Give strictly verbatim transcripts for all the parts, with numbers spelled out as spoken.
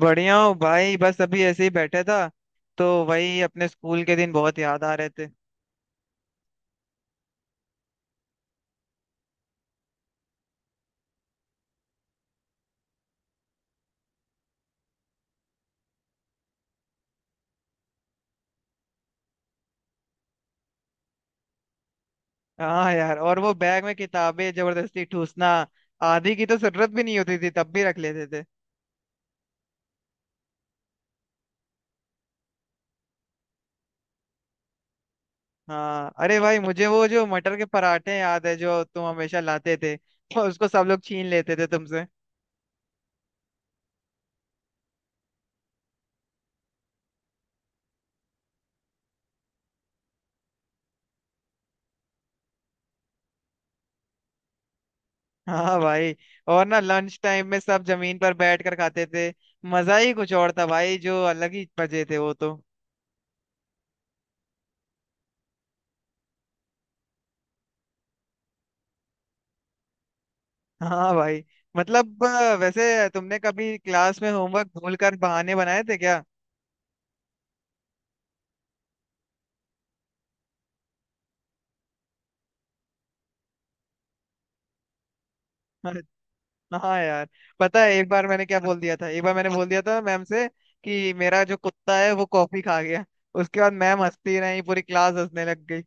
बढ़िया हूँ भाई, बस अभी ऐसे ही बैठा था। तो वही अपने स्कूल के दिन बहुत याद आ रहे थे। हाँ यार, और वो बैग में किताबें जबरदस्ती ठूसना। आधी की तो जरूरत भी नहीं होती थी, तब भी रख लेते थे। हाँ अरे भाई, मुझे वो जो मटर के पराठे याद है जो तुम हमेशा लाते थे, और उसको सब लोग छीन लेते थे तुमसे। हाँ भाई, और ना लंच टाइम में सब जमीन पर बैठ कर खाते थे। मजा ही कुछ और था भाई, जो अलग ही मजे थे वो तो। हाँ भाई, मतलब अ, वैसे तुमने कभी क्लास में होमवर्क भूल कर बहाने बनाए थे क्या? अरे, हाँ यार। पता है एक बार मैंने क्या बोल दिया था, एक बार मैंने बोल दिया था मैम से कि मेरा जो कुत्ता है वो कॉफी खा गया। उसके बाद मैम हंसती रही, पूरी क्लास हंसने लग गई।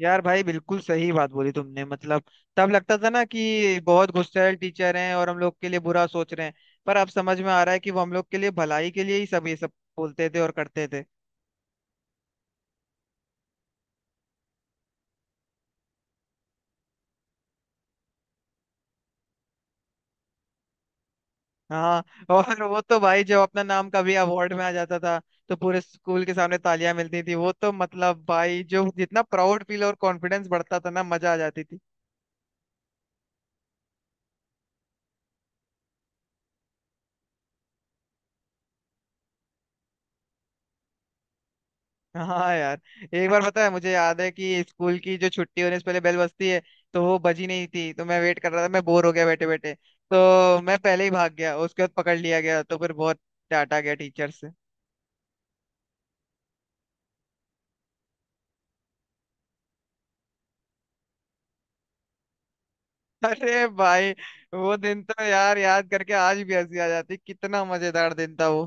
यार भाई, बिल्कुल सही बात बोली तुमने। मतलब तब लगता था ना कि बहुत गुस्सैल टीचर हैं और हम लोग के लिए बुरा सोच रहे हैं, पर अब समझ में आ रहा है कि वो हम लोग के लिए भलाई के लिए ही सब ये सब बोलते थे और करते थे। हाँ, और वो तो भाई जब अपना नाम कभी अवार्ड में आ जाता था तो पूरे स्कूल के सामने तालियां मिलती थी, वो तो मतलब भाई जो जितना प्राउड फील और कॉन्फिडेंस बढ़ता था ना, मजा आ जाती थी। हाँ यार, एक बार पता है, मुझे याद है कि स्कूल की जो छुट्टी होने से पहले बेल बजती है, तो वो बजी नहीं थी तो मैं वेट कर रहा था। मैं बोर हो गया बैठे बैठे तो मैं पहले ही भाग गया। उसके बाद पकड़ लिया गया, तो फिर बहुत डांटा गया टीचर से। अरे भाई, वो दिन तो यार याद करके आज भी हंसी आ जाती, कितना मजेदार दिन था वो।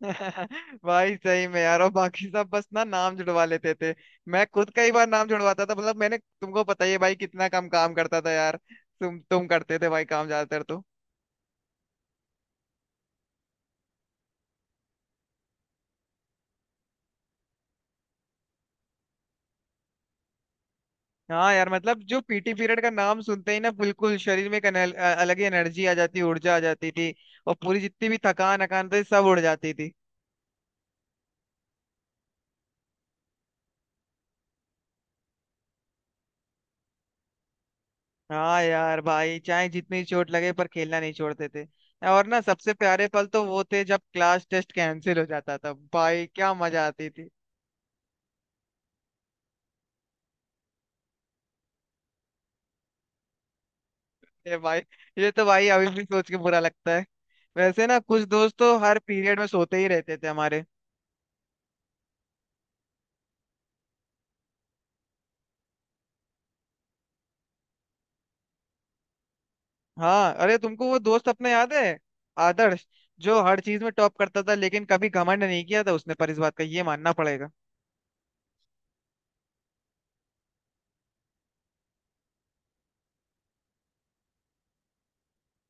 भाई सही में यार, और बाकी सब बस ना नाम जुड़वा लेते थे। मैं खुद कई बार नाम जुड़वाता था, मतलब मैंने, तुमको पता ही है भाई, कितना कम काम करता था यार। तुम तुम करते थे भाई काम ज्यादातर तो। हाँ यार, मतलब जो पीटी पीरियड का नाम सुनते ही ना, बिल्कुल शरीर में एक अनल- अ- अलग ही एनर्जी आ जाती, ऊर्जा आ जाती थी। और पूरी जितनी भी थकान अकान थी सब उड़ जाती थी। हाँ यार भाई, चाहे जितनी चोट लगे पर खेलना नहीं छोड़ते थे। और ना सबसे प्यारे पल तो वो थे जब क्लास टेस्ट कैंसिल हो जाता था, भाई क्या मजा आती थी। ये भाई, ये तो भाई अभी भी सोच के बुरा लगता है। वैसे ना कुछ दोस्त तो हर पीरियड में सोते ही रहते थे हमारे। हाँ अरे, तुमको वो दोस्त अपना याद है? आदर्श, जो हर चीज में टॉप करता था, लेकिन कभी घमंड नहीं किया था उसने, पर इस बात का ये मानना पड़ेगा।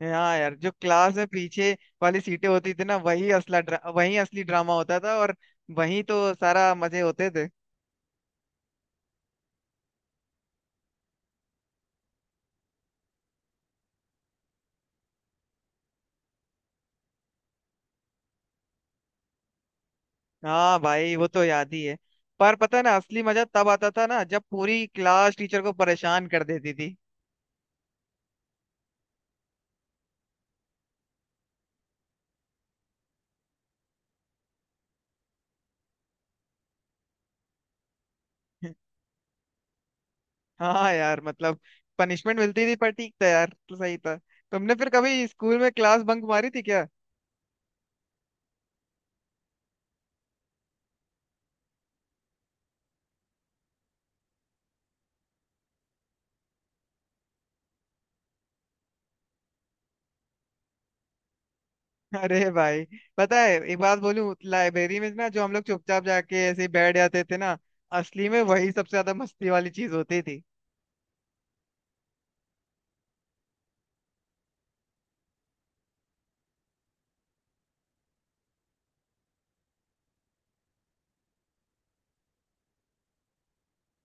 हाँ यार, जो क्लास में पीछे वाली सीटें होती थी ना, वही असला ड्रा, वही असली ड्रामा होता था, और वही तो सारा मजे होते थे। हाँ भाई, वो तो याद ही है। पर पता है ना, असली मजा तब आता था ना जब पूरी क्लास टीचर को परेशान कर देती थी। हाँ यार, मतलब पनिशमेंट मिलती थी पर ठीक था यार, तो सही था। तुमने फिर कभी स्कूल में क्लास बंक मारी थी क्या? अरे भाई, पता है एक बात बोलूं, लाइब्रेरी में ना जो हम लोग चुपचाप जाके ऐसे ही बैठ जाते थे ना, असली में वही सबसे ज्यादा मस्ती वाली चीज होती थी।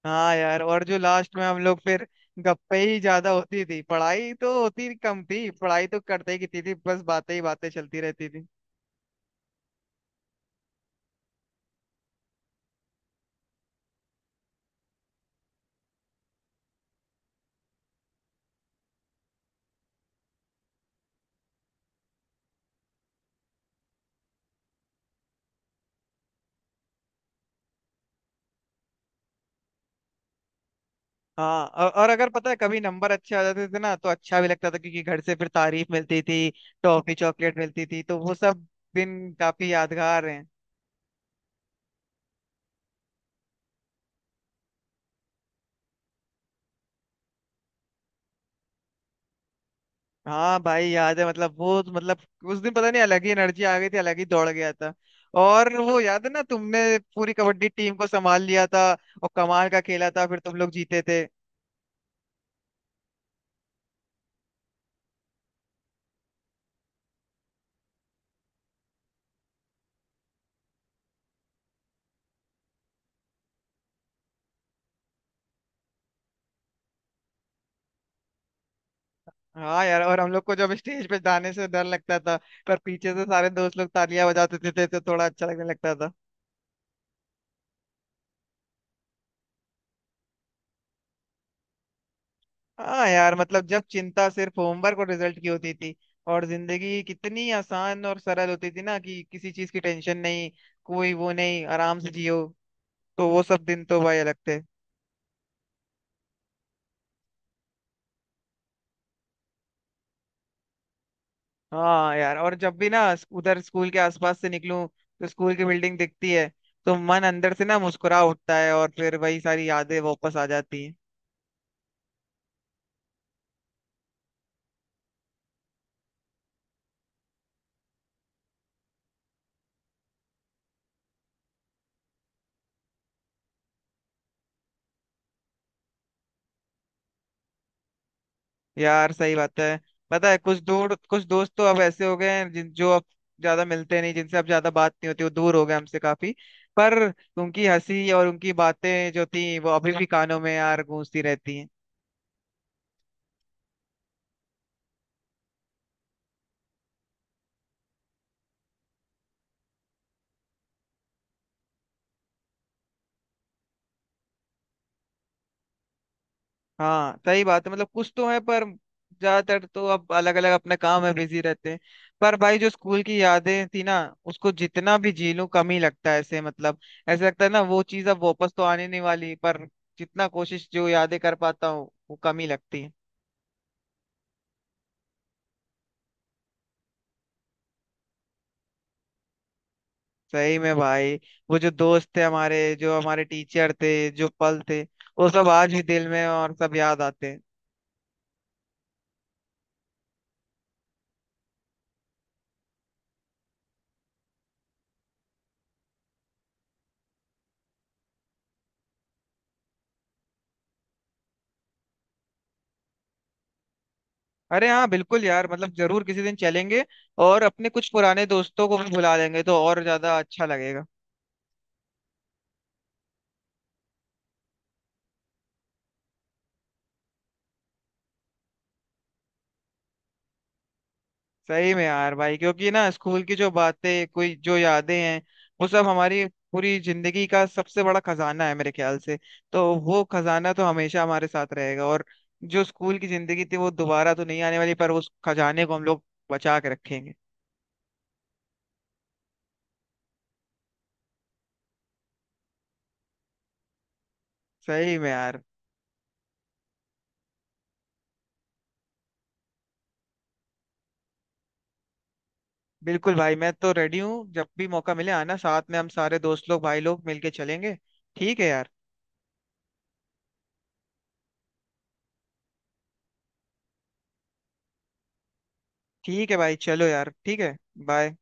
हाँ यार, और जो लास्ट में हम लोग फिर गप्पे ही ज्यादा होती थी, पढ़ाई तो होती कम थी। पढ़ाई तो करते ही कितनी थी, बस बातें ही बातें चलती रहती थी। हाँ, औ- और अगर पता है कभी नंबर अच्छे आ जाते थे ना, तो अच्छा भी लगता था क्योंकि घर से फिर तारीफ मिलती थी, टॉफी चॉकलेट मिलती थी। तो वो सब दिन काफी यादगार हैं। हाँ भाई, याद है। मतलब वो, मतलब उस दिन पता नहीं अलग ही एनर्जी आ गई थी, अलग ही दौड़ गया था। और वो याद है ना, तुमने पूरी कबड्डी टीम को संभाल लिया था और कमाल का खेला था, फिर तुम लोग जीते थे। हाँ यार, और हम लोग को जब स्टेज पे जाने से डर लगता था, पर पीछे से सारे दोस्त लोग तालियां बजाते थे, तो थोड़ा अच्छा लगने लगता था। हाँ यार, मतलब जब चिंता सिर्फ होमवर्क और रिजल्ट की होती थी, और जिंदगी कितनी आसान और सरल होती थी ना, कि किसी चीज की टेंशन नहीं, कोई वो नहीं, आराम से जियो। तो वो सब दिन तो भाई अलग थे। हाँ यार, और जब भी ना स- उधर स्कूल के आसपास से निकलूं, तो स्कूल की बिल्डिंग दिखती है तो मन अंदर से ना मुस्कुरा उठता है, और फिर वही सारी यादें वापस आ जाती हैं। यार सही बात है। पता है कुछ दूर, कुछ दोस्त तो अब ऐसे हो गए हैं जिन जो अब ज्यादा मिलते नहीं, जिनसे अब ज्यादा बात नहीं होती, वो दूर हो गए हमसे काफी। पर उनकी हंसी और उनकी बातें जो थी, वो अभी भी कानों में यार गूंजती रहती हैं। हाँ सही बात है, मतलब कुछ तो है, पर ज्यादातर तो अब अलग अलग अपने काम में बिजी रहते हैं। पर भाई, जो स्कूल की यादें थी ना, उसको जितना भी जी लूं कम ही लगता है। ऐसे मतलब, ऐसे लगता है ना वो चीज अब वापस तो आने नहीं वाली, पर जितना कोशिश, जो यादें कर पाता हूँ, वो कम ही लगती है। सही में भाई, वो जो दोस्त थे हमारे, जो हमारे टीचर थे, जो पल थे, वो सब आज भी दिल में, और सब याद आते हैं। अरे हाँ, बिल्कुल यार, मतलब जरूर किसी दिन चलेंगे। और अपने कुछ पुराने दोस्तों को भी बुला लेंगे, तो और ज्यादा अच्छा लगेगा। सही में यार भाई, क्योंकि ना स्कूल की जो बातें, कोई जो यादें हैं, वो सब हमारी पूरी जिंदगी का सबसे बड़ा खजाना है मेरे ख्याल से। तो वो खजाना तो हमेशा हमारे साथ रहेगा। और जो स्कूल की जिंदगी थी वो दोबारा तो नहीं आने वाली, पर उस खजाने को हम लोग बचा के रखेंगे। सही में यार। बिल्कुल भाई, मैं तो रेडी हूँ, जब भी मौका मिले आना, साथ में हम सारे दोस्त लोग, भाई लोग मिलके चलेंगे। ठीक है यार। ठीक है भाई, चलो यार, ठीक है। बाय।